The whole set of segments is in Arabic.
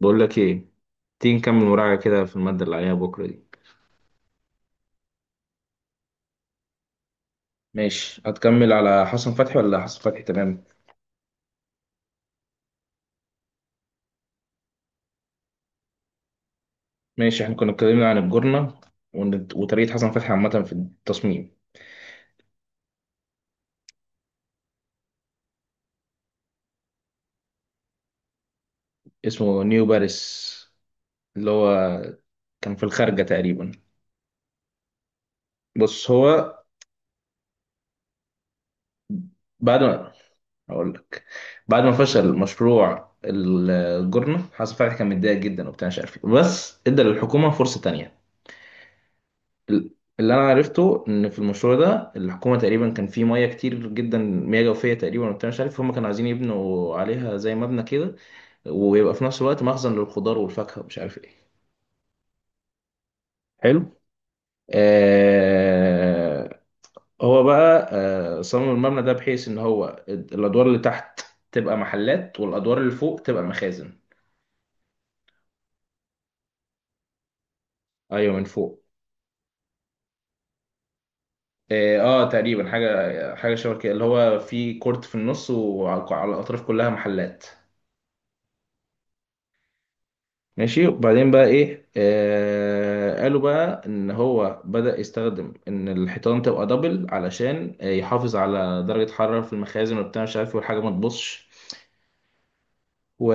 بقول لك ايه، تيجي نكمل مراجعة كده في المادة اللي عليها بكرة دي. ماشي، هتكمل على حسن فتحي ولا حسن فتحي؟ تمام، ماشي، احنا كنا اتكلمنا عن الجورنة وطريقة حسن فتحي عامة في التصميم. اسمه نيو باريس، اللي هو كان في الخارجة تقريبا. بص هو بعد ما أقول لك بعد ما فشل مشروع الجورنة حسن فتحي كان متضايق جدا وبتاع مش عارف إيه. بس ادى للحكومة فرصة تانية. اللي انا عرفته ان في المشروع ده الحكومه تقريبا كان فيه مياه كتير جدا، مياه جوفيه تقريبا، وبتاع مش عارف هم كانوا عايزين يبنوا عليها زي مبنى كده، ويبقى في نفس الوقت مخزن للخضار والفاكهه ومش عارف ايه. حلو آه هو بقى صمم المبنى ده بحيث ان هو الادوار اللي تحت تبقى محلات والادوار اللي فوق تبقى مخازن. ايوه، من فوق. اه، تقريبا حاجه شبه كده، اللي هو في كورت في النص وعلى الاطراف كلها محلات. ماشي، وبعدين بقى ايه، قالوا بقى ان هو بدأ يستخدم ان الحيطان تبقى دبل، علشان يحافظ على درجة حرارة في المخازن وبتاع مش عارف إيه، والحاجة ما تبصش. و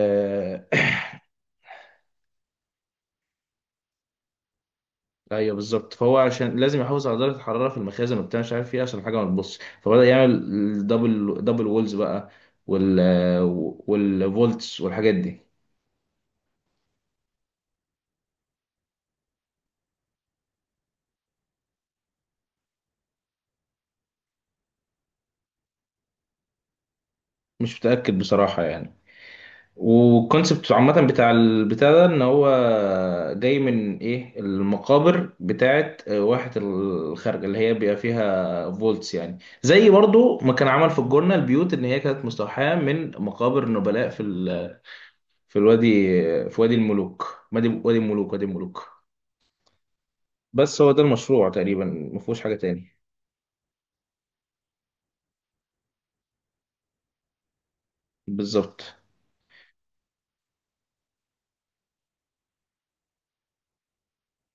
ايوه بالظبط، فهو عشان لازم يحافظ على درجة الحرارة في المخازن وبتاع مش عارف ايه عشان الحاجة ما تبصش، فبدأ يعمل دبل وولز بقى. وال والفولتس والحاجات دي. مش متأكد بصراحة يعني. والكونسبت عامة بتاع البتاع ده ان هو جاي من ايه، المقابر بتاعت واحة الخارجة، اللي هي بيبقى فيها فولتس، يعني زي برضو ما كان عمل في الجنة البيوت، ان هي كانت مستوحاة من مقابر نبلاء في الوادي، في وادي الملوك، وادي الملوك، وادي الملوك. بس هو ده المشروع تقريبا، ما فيهوش حاجة تاني. بالظبط.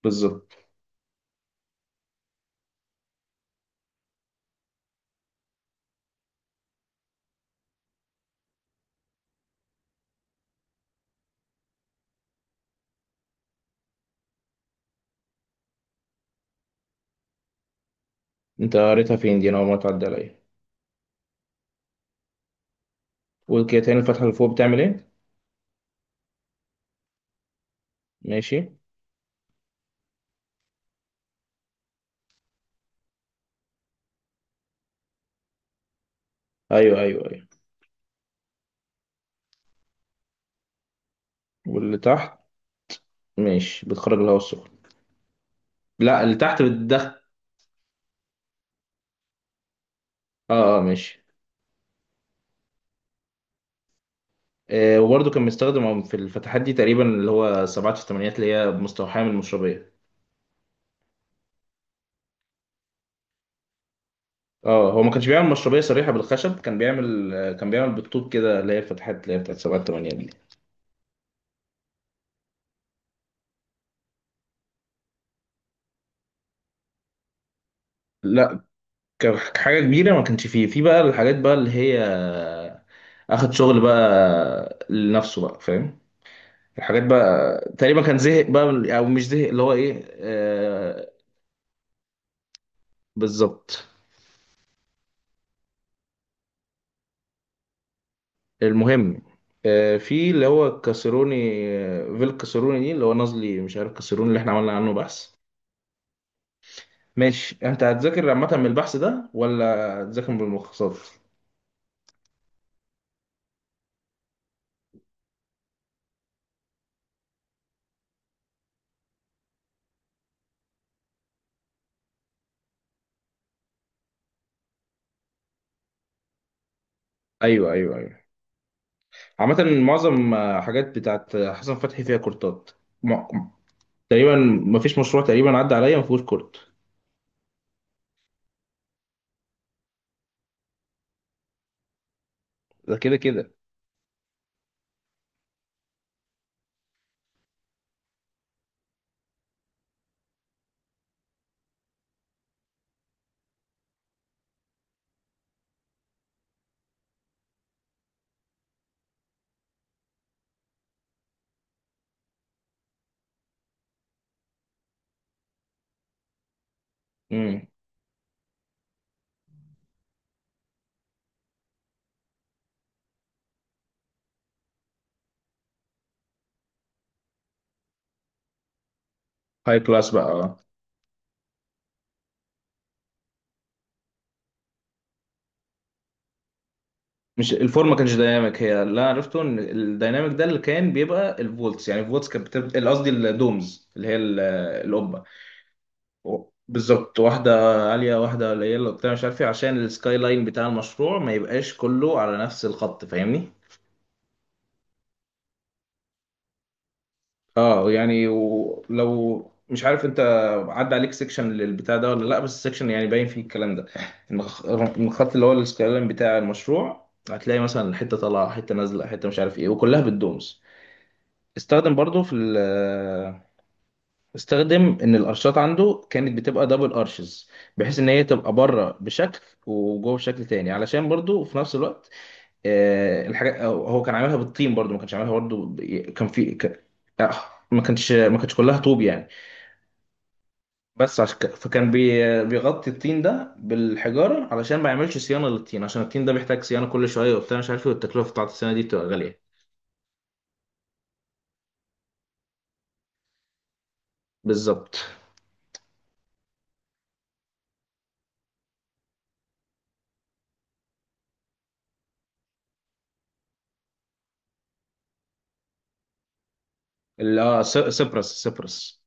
بالظبط. انت قريتها فين دي؟ انا اول مرة تعدي عليا. قول كده تاني، الفتحة اللي فوق بتعمل ايه؟ ماشي. ايوه ايوه ايوه. واللي تحت ماشي، بتخرج الهواء السخن؟ لا، اللي تحت بتدخل. اه اه ماشي. وبرضه كان مستخدم في الفتحات دي تقريبا، اللي هو سبعات في الثمانينات، اللي هي مستوحاة من المشربية. اه، هو ما كانش بيعمل مشربية صريحة بالخشب، كان بيعمل، كان بيعمل بالطوب كده، اللي هي الفتحات اللي هي بتاعت سبعات الثمانينات دي. لا، كحاجة كبيرة ما كانش فيه، في بقى الحاجات بقى اللي هي اخد شغل بقى لنفسه بقى، فاهم، الحاجات بقى. تقريبا كان زهق بقى او مش زهق، اللي هو ايه، بالظبط. المهم، في اللي هو كاسروني، فيل كاسروني دي، اللي هو نازلي مش عارف، كاسروني اللي احنا عملنا عنه بحث. ماشي، انت هتذاكر عامة من البحث ده ولا هتذاكر بالملخصات؟ ايوه ايوه ايوه. عامة معظم حاجات بتاعت حسن فتحي فيها كورتات. م- تقريبا مفيش مشروع تقريبا عدى عليا مفيهوش كورت. ده كده كده. امم، هاي كلاس بقى مش الفورم ما كانش دايناميك، هي اللي انا عرفته ان الدايناميك ده اللي كان بيبقى الفولتس، يعني الفولتس كانت بتبقى، قصدي الدومز اللي هي القبه. بالظبط، واحدة عالية واحدة قليلة وبتاع مش عارف ايه، عشان السكاي لاين بتاع المشروع ما يبقاش كله على نفس الخط، فاهمني؟ اه يعني، ولو مش عارف انت عدى عليك سيكشن للبتاع ده ولا لا، بس السيكشن يعني باين فيه الكلام ده، ان إن الخط اللي هو السكاي لاين بتاع المشروع هتلاقي مثلا حتة طالعة حتة نازلة حتة مش عارف ايه، وكلها بالدومز. استخدم برضو في استخدم ان القرشات عنده كانت بتبقى دبل قرشز، بحيث ان هي تبقى بره بشكل وجوه بشكل تاني، علشان برضو في نفس الوقت الحاجه، هو كان عاملها بالطين برضو، ما كانش عاملها برضو كان في آه، ما كانش كلها طوب يعني، بس عشان فكان بيغطي الطين ده بالحجاره، علشان ما يعملش صيانه للطين، عشان الطين ده بيحتاج صيانه كل شويه وبتاع مش عارف ايه، والتكلفه بتاعت الصيانه دي بتبقى غاليه. بالظبط. سيبرس.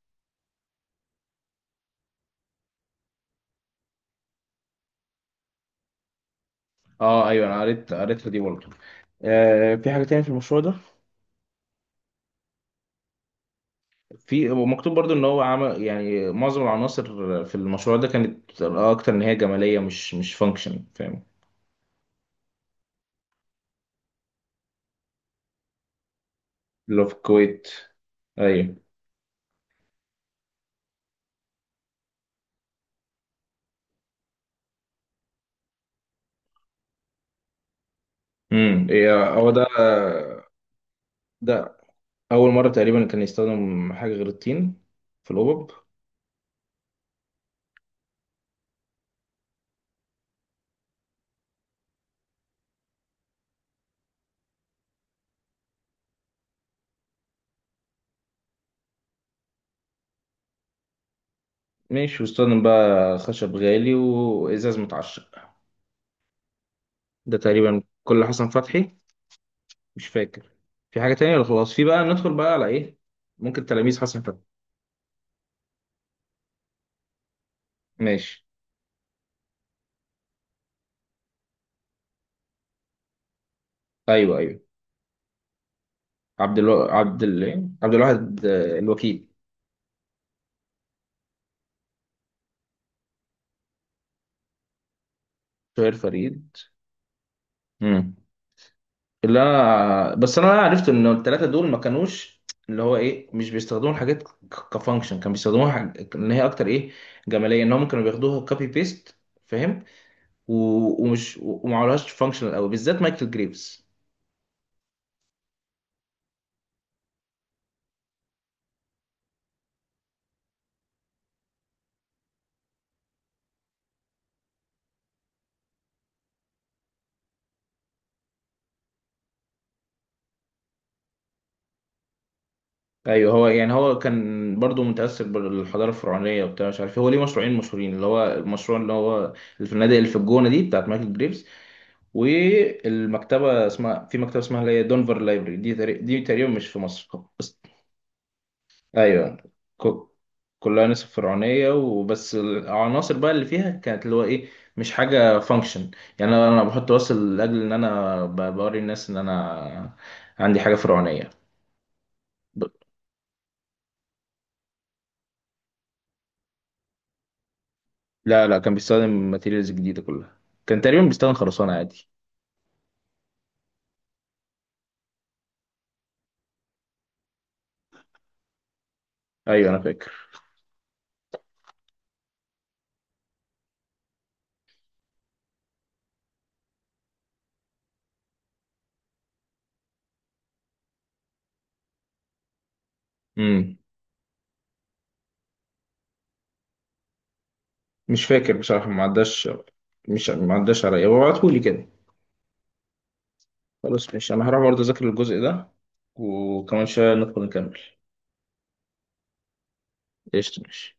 اه ايوه، انا قريت قريتها دي برضه. في حاجة تاني في المشروع ده؟ في، ومكتوب برضو ان هو عمل يعني معظم العناصر في المشروع ده كانت اكتر ان هي جمالية، مش فانكشن، فاهم. اللي هو في الكويت. ايوه. امم، هو ده. ده اول مرة تقريبا كان يستخدم حاجة غير الطين في الأوبب. ماشي، واستخدم بقى خشب غالي وإزاز متعشق. ده تقريبا كل حسن فتحي. مش فاكر. في حاجة تانية ولا خلاص في بقى ندخل بقى على ايه؟ ممكن تلاميذ حسن فتحي. ماشي. ايوه ايوه. عبد الو... عبد ال... إيه؟ عبد الواحد، الوكيل. شهير فريد. امم. اللي انا بس انا عرفت ان الثلاثه دول ما كانوش اللي هو ايه، مش بيستخدموا الحاجات كفانكشن، كانوا بيستخدموها حاج، ان هي اكتر ايه، جماليه، ان هم كانوا بياخدوها كوبي بيست، فاهم. و... ومش وما عملوهاش فانكشنال قوي، بالذات مايكل جريفز. ايوه، هو يعني هو كان برضو متاثر بالحضاره الفرعونيه وبتاع مش عارف إيه، هو ليه مشروعين مشهورين، اللي هو المشروع اللي هو اللي في النادي اللي في الجونه دي بتاعت مايكل جريفز، والمكتبه اسمها، في مكتبه اسمها اللي هي دونفر لايبرري دي، دي تقريبا مش في مصر. بس ايوه، ك- كلها نسب فرعونيه، وبس العناصر بقى اللي فيها كانت اللي هو ايه، مش حاجه فانكشن، يعني انا، بحط وصل لاجل ان انا بوري الناس ان انا عندي حاجه فرعونيه. ب- لا لا، كان بيستخدم ماتيريالز جديده كلها، كان تقريبا بيستخدم خرسانه عادي. ايوه انا فاكر. امم. مش فاكر بصراحه، ما عداش، مش ما عداش عليا، هو ابعتهولي كده. خلاص ماشي، انا هروح برضه اذاكر الجزء ده، وكمان شويه ندخل نكمل. قشطة، ماشي.